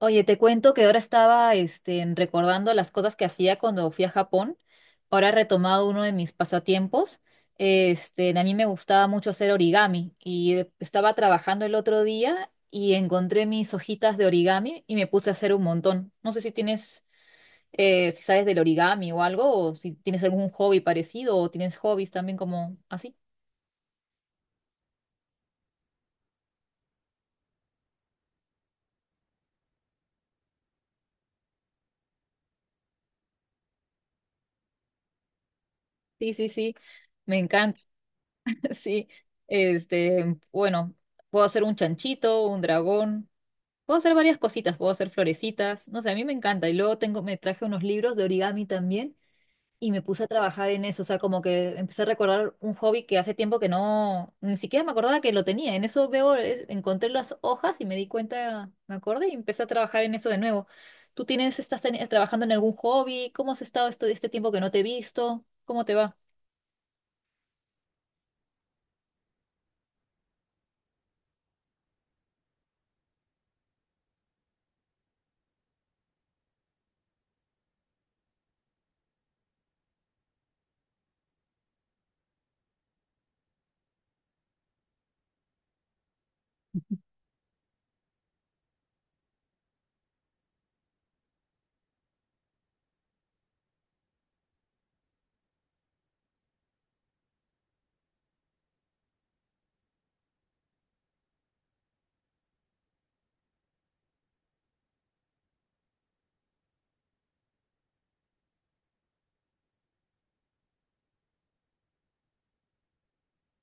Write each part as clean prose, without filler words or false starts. Oye, te cuento que ahora estaba recordando las cosas que hacía cuando fui a Japón. Ahora he retomado uno de mis pasatiempos. A mí me gustaba mucho hacer origami y estaba trabajando el otro día y encontré mis hojitas de origami y me puse a hacer un montón. No sé si tienes, si ¿sabes del origami o algo, o si tienes algún hobby parecido o tienes hobbies también como así? Sí, sí, sí, me encanta. Sí, bueno, puedo hacer un chanchito, un dragón. Puedo hacer varias cositas, puedo hacer florecitas, no sé, a mí me encanta. Y luego tengo, me traje unos libros de origami también y me puse a trabajar en eso, o sea, como que empecé a recordar un hobby que hace tiempo que no, ni siquiera me acordaba que lo tenía. En eso veo, encontré las hojas y me di cuenta, me acordé y empecé a trabajar en eso de nuevo. ¿Tú tienes, estás teni- trabajando en algún hobby? ¿Cómo has estado este tiempo que no te he visto? ¿Cómo te va?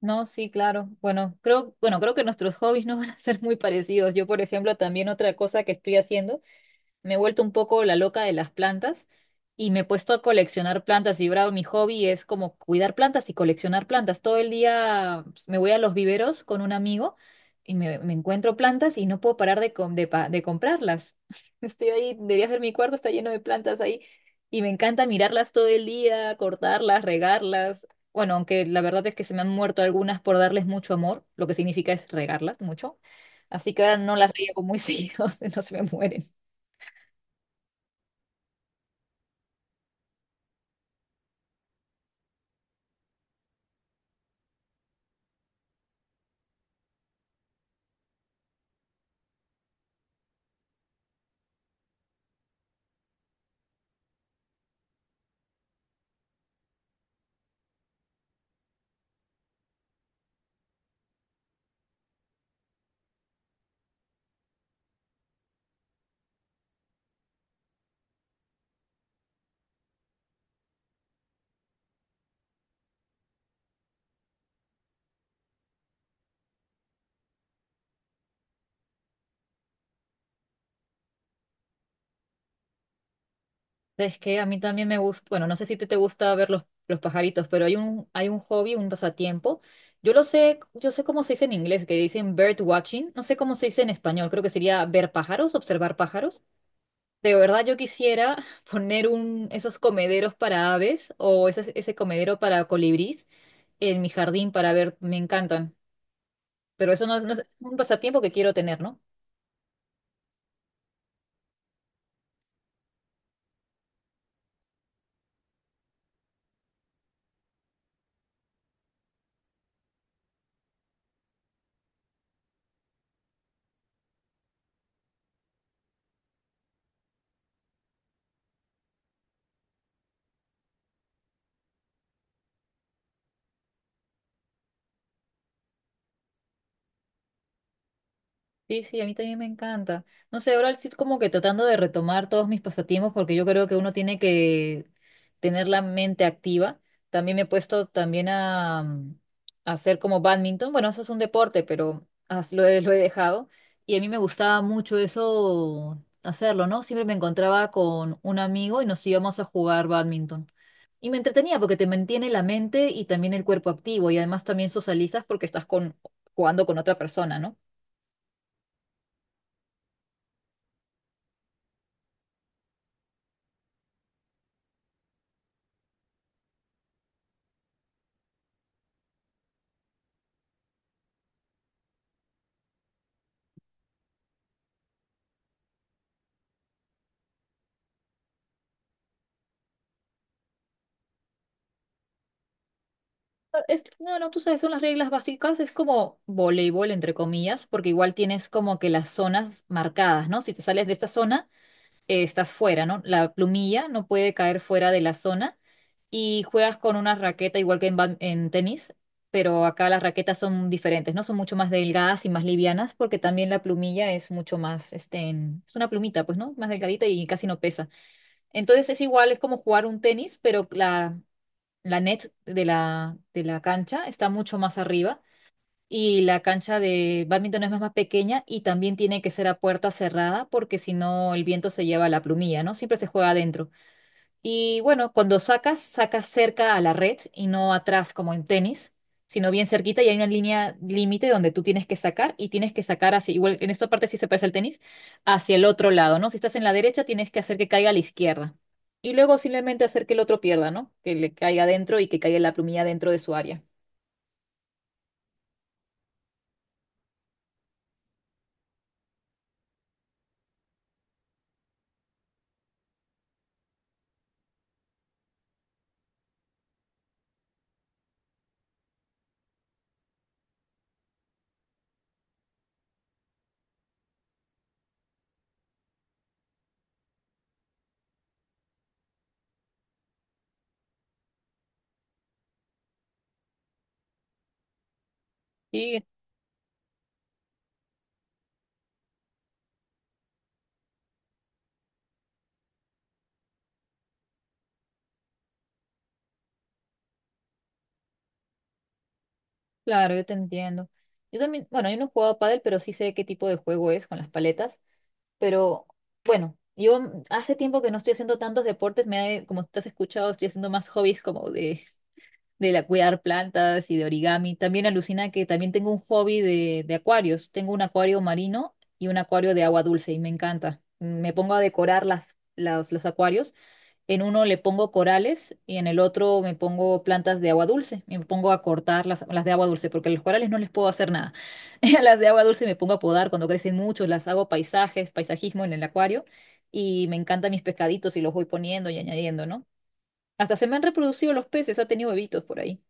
No, sí, claro. Bueno, creo que nuestros hobbies no van a ser muy parecidos. Yo, por ejemplo, también otra cosa que estoy haciendo. Me he vuelto un poco la loca de las plantas y me he puesto a coleccionar plantas. Y bravo, mi hobby es como cuidar plantas y coleccionar plantas. Todo el día pues, me voy a los viveros con un amigo y me encuentro plantas y no puedo parar de comprarlas. Estoy ahí, debería ser mi cuarto, está lleno de plantas ahí. Y me encanta mirarlas todo el día, cortarlas, regarlas. Bueno, aunque la verdad es que se me han muerto algunas por darles mucho amor, lo que significa es regarlas mucho. Así que ahora no las riego muy seguido, no se me mueren. Es que a mí también me gusta, bueno, no sé si te, te gusta ver los pajaritos, pero hay un hobby, un pasatiempo. Yo lo sé, yo sé cómo se dice en inglés, que dicen bird watching, no sé cómo se dice en español, creo que sería ver pájaros, observar pájaros. De verdad yo quisiera poner un, esos comederos para aves o ese comedero para colibrís en mi jardín para ver, me encantan. Pero eso no es un pasatiempo que quiero tener, ¿no? Sí, sí, a mí también me encanta. No sé, ahora estoy como que tratando de retomar todos mis pasatiempos porque yo creo que uno tiene que tener la mente activa. También me he puesto también a hacer como bádminton. Bueno, eso es un deporte, pero lo he dejado. Y a mí me gustaba mucho eso, hacerlo, ¿no? Siempre me encontraba con un amigo y nos íbamos a jugar bádminton. Y me entretenía porque te mantiene la mente y también el cuerpo activo y además también socializas porque jugando con otra persona, ¿no? Es, no, no, tú sabes, son las reglas básicas, es como voleibol, entre comillas, porque igual tienes como que las zonas marcadas, ¿no? Si te sales de esta zona, estás fuera, ¿no? La plumilla no puede caer fuera de la zona y juegas con una raqueta igual que en tenis, pero acá las raquetas son diferentes, ¿no? Son mucho más delgadas y más livianas porque también la plumilla es mucho más, es una plumita, pues, ¿no? Más delgadita y casi no pesa. Entonces es igual, es como jugar un tenis, pero la net de la cancha está mucho más arriba y la cancha de bádminton es más, más pequeña y también tiene que ser a puerta cerrada porque si no el viento se lleva la plumilla, ¿no? Siempre se juega adentro. Y bueno, cuando sacas, sacas cerca a la red y no atrás como en tenis, sino bien cerquita y hay una línea límite donde tú tienes que sacar y tienes que sacar hacia, igual en esta parte sí se parece al tenis, hacia el otro lado, ¿no? Si estás en la derecha, tienes que hacer que caiga a la izquierda. Y luego simplemente hacer que el otro pierda, ¿no? Que le caiga adentro y que caiga la plumilla dentro de su área. Sí, claro, yo te entiendo. Yo también, bueno, yo no he jugado pádel, pero sí sé qué tipo de juego es con las paletas. Pero bueno, yo hace tiempo que no estoy haciendo tantos deportes, como te has escuchado, estoy haciendo más hobbies como de la cuidar plantas y de origami. También alucina que también tengo un hobby de acuarios. Tengo un acuario marino y un acuario de agua dulce y me encanta. Me pongo a decorar los acuarios. En uno le pongo corales y en el otro me pongo plantas de agua dulce. Y me pongo a cortar las de agua dulce porque a los corales no les puedo hacer nada. A las de agua dulce me pongo a podar cuando crecen mucho, las hago paisajes, paisajismo en el acuario y me encantan mis pescaditos y los voy poniendo y añadiendo, ¿no? Hasta se me han reproducido los peces, ha tenido bebitos por ahí.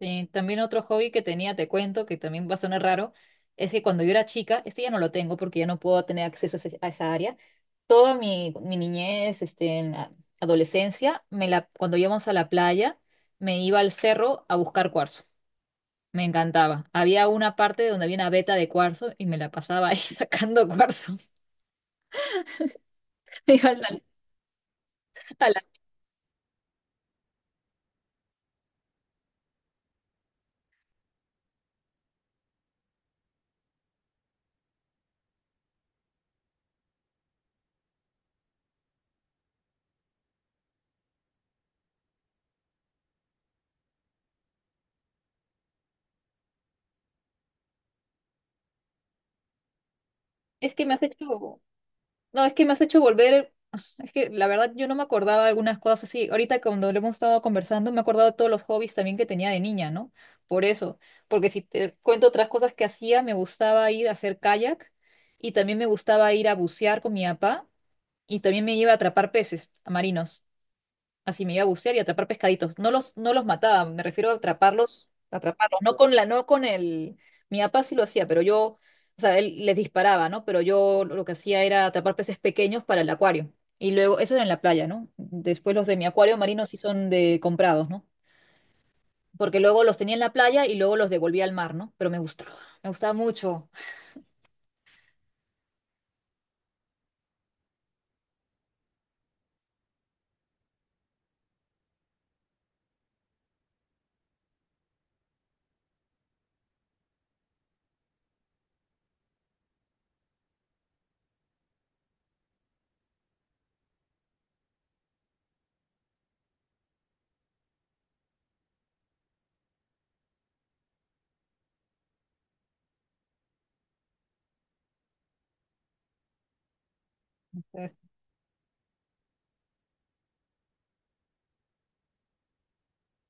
Sí, también otro hobby que tenía, te cuento, que también va a sonar raro, es que cuando yo era chica, este ya no lo tengo porque ya no puedo tener acceso a a esa área. Toda mi niñez, en la adolescencia, cuando íbamos a la playa, me iba al cerro a buscar cuarzo. Me encantaba. Había una parte donde había una veta de cuarzo y me la pasaba ahí sacando cuarzo. Iba a la- Es que me has hecho, no, es que me has hecho volver, es que la verdad yo no me acordaba de algunas cosas así. Ahorita cuando lo hemos estado conversando me he acordado de todos los hobbies también que tenía de niña, ¿no? Por eso, porque si te cuento otras cosas que hacía, me gustaba ir a hacer kayak y también me gustaba ir a bucear con mi papá y también me iba a atrapar peces marinos. Así me iba a bucear y atrapar pescaditos. No los mataba, me refiero a atraparlos, atraparlos. No con el. Mi papá sí lo hacía, pero yo, o sea, él les disparaba, ¿no? Pero yo lo que hacía era atrapar peces pequeños para el acuario. Y luego, eso era en la playa, ¿no? Después los de mi acuario marino sí son de comprados, ¿no? Porque luego los tenía en la playa y luego los devolvía al mar, ¿no? Pero me gustaba mucho. Entonces,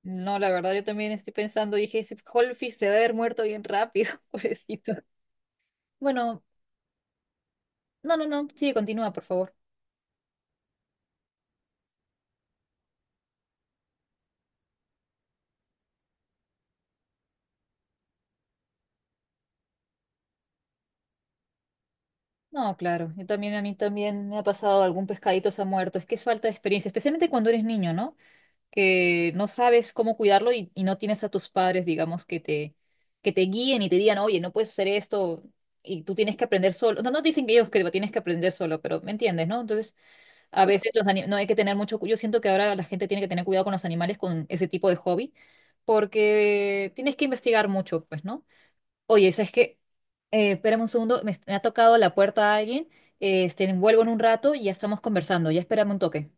no, la verdad, yo también estoy pensando, dije, ese Holfish se va a haber muerto bien rápido, pobrecito. Bueno, no, no, no, sigue, continúa, por favor. No, claro. Yo también, a mí también me ha pasado algún pescadito se ha muerto. Es que es falta de experiencia, especialmente cuando eres niño, ¿no? Que no sabes cómo cuidarlo y no tienes a tus padres, digamos, que te guíen y te digan, oye, no puedes hacer esto y tú tienes que aprender solo. No, no dicen que ellos que lo tienes que aprender solo, pero me entiendes, ¿no? Entonces, a veces no hay que tener mucho. Yo siento que ahora la gente tiene que tener cuidado con los animales con ese tipo de hobby porque tienes que investigar mucho, pues, ¿no? Oye, ¿sabes qué? Espérame un segundo, me ha tocado la puerta a alguien, vuelvo en un rato y ya estamos conversando, ya espérame un toque.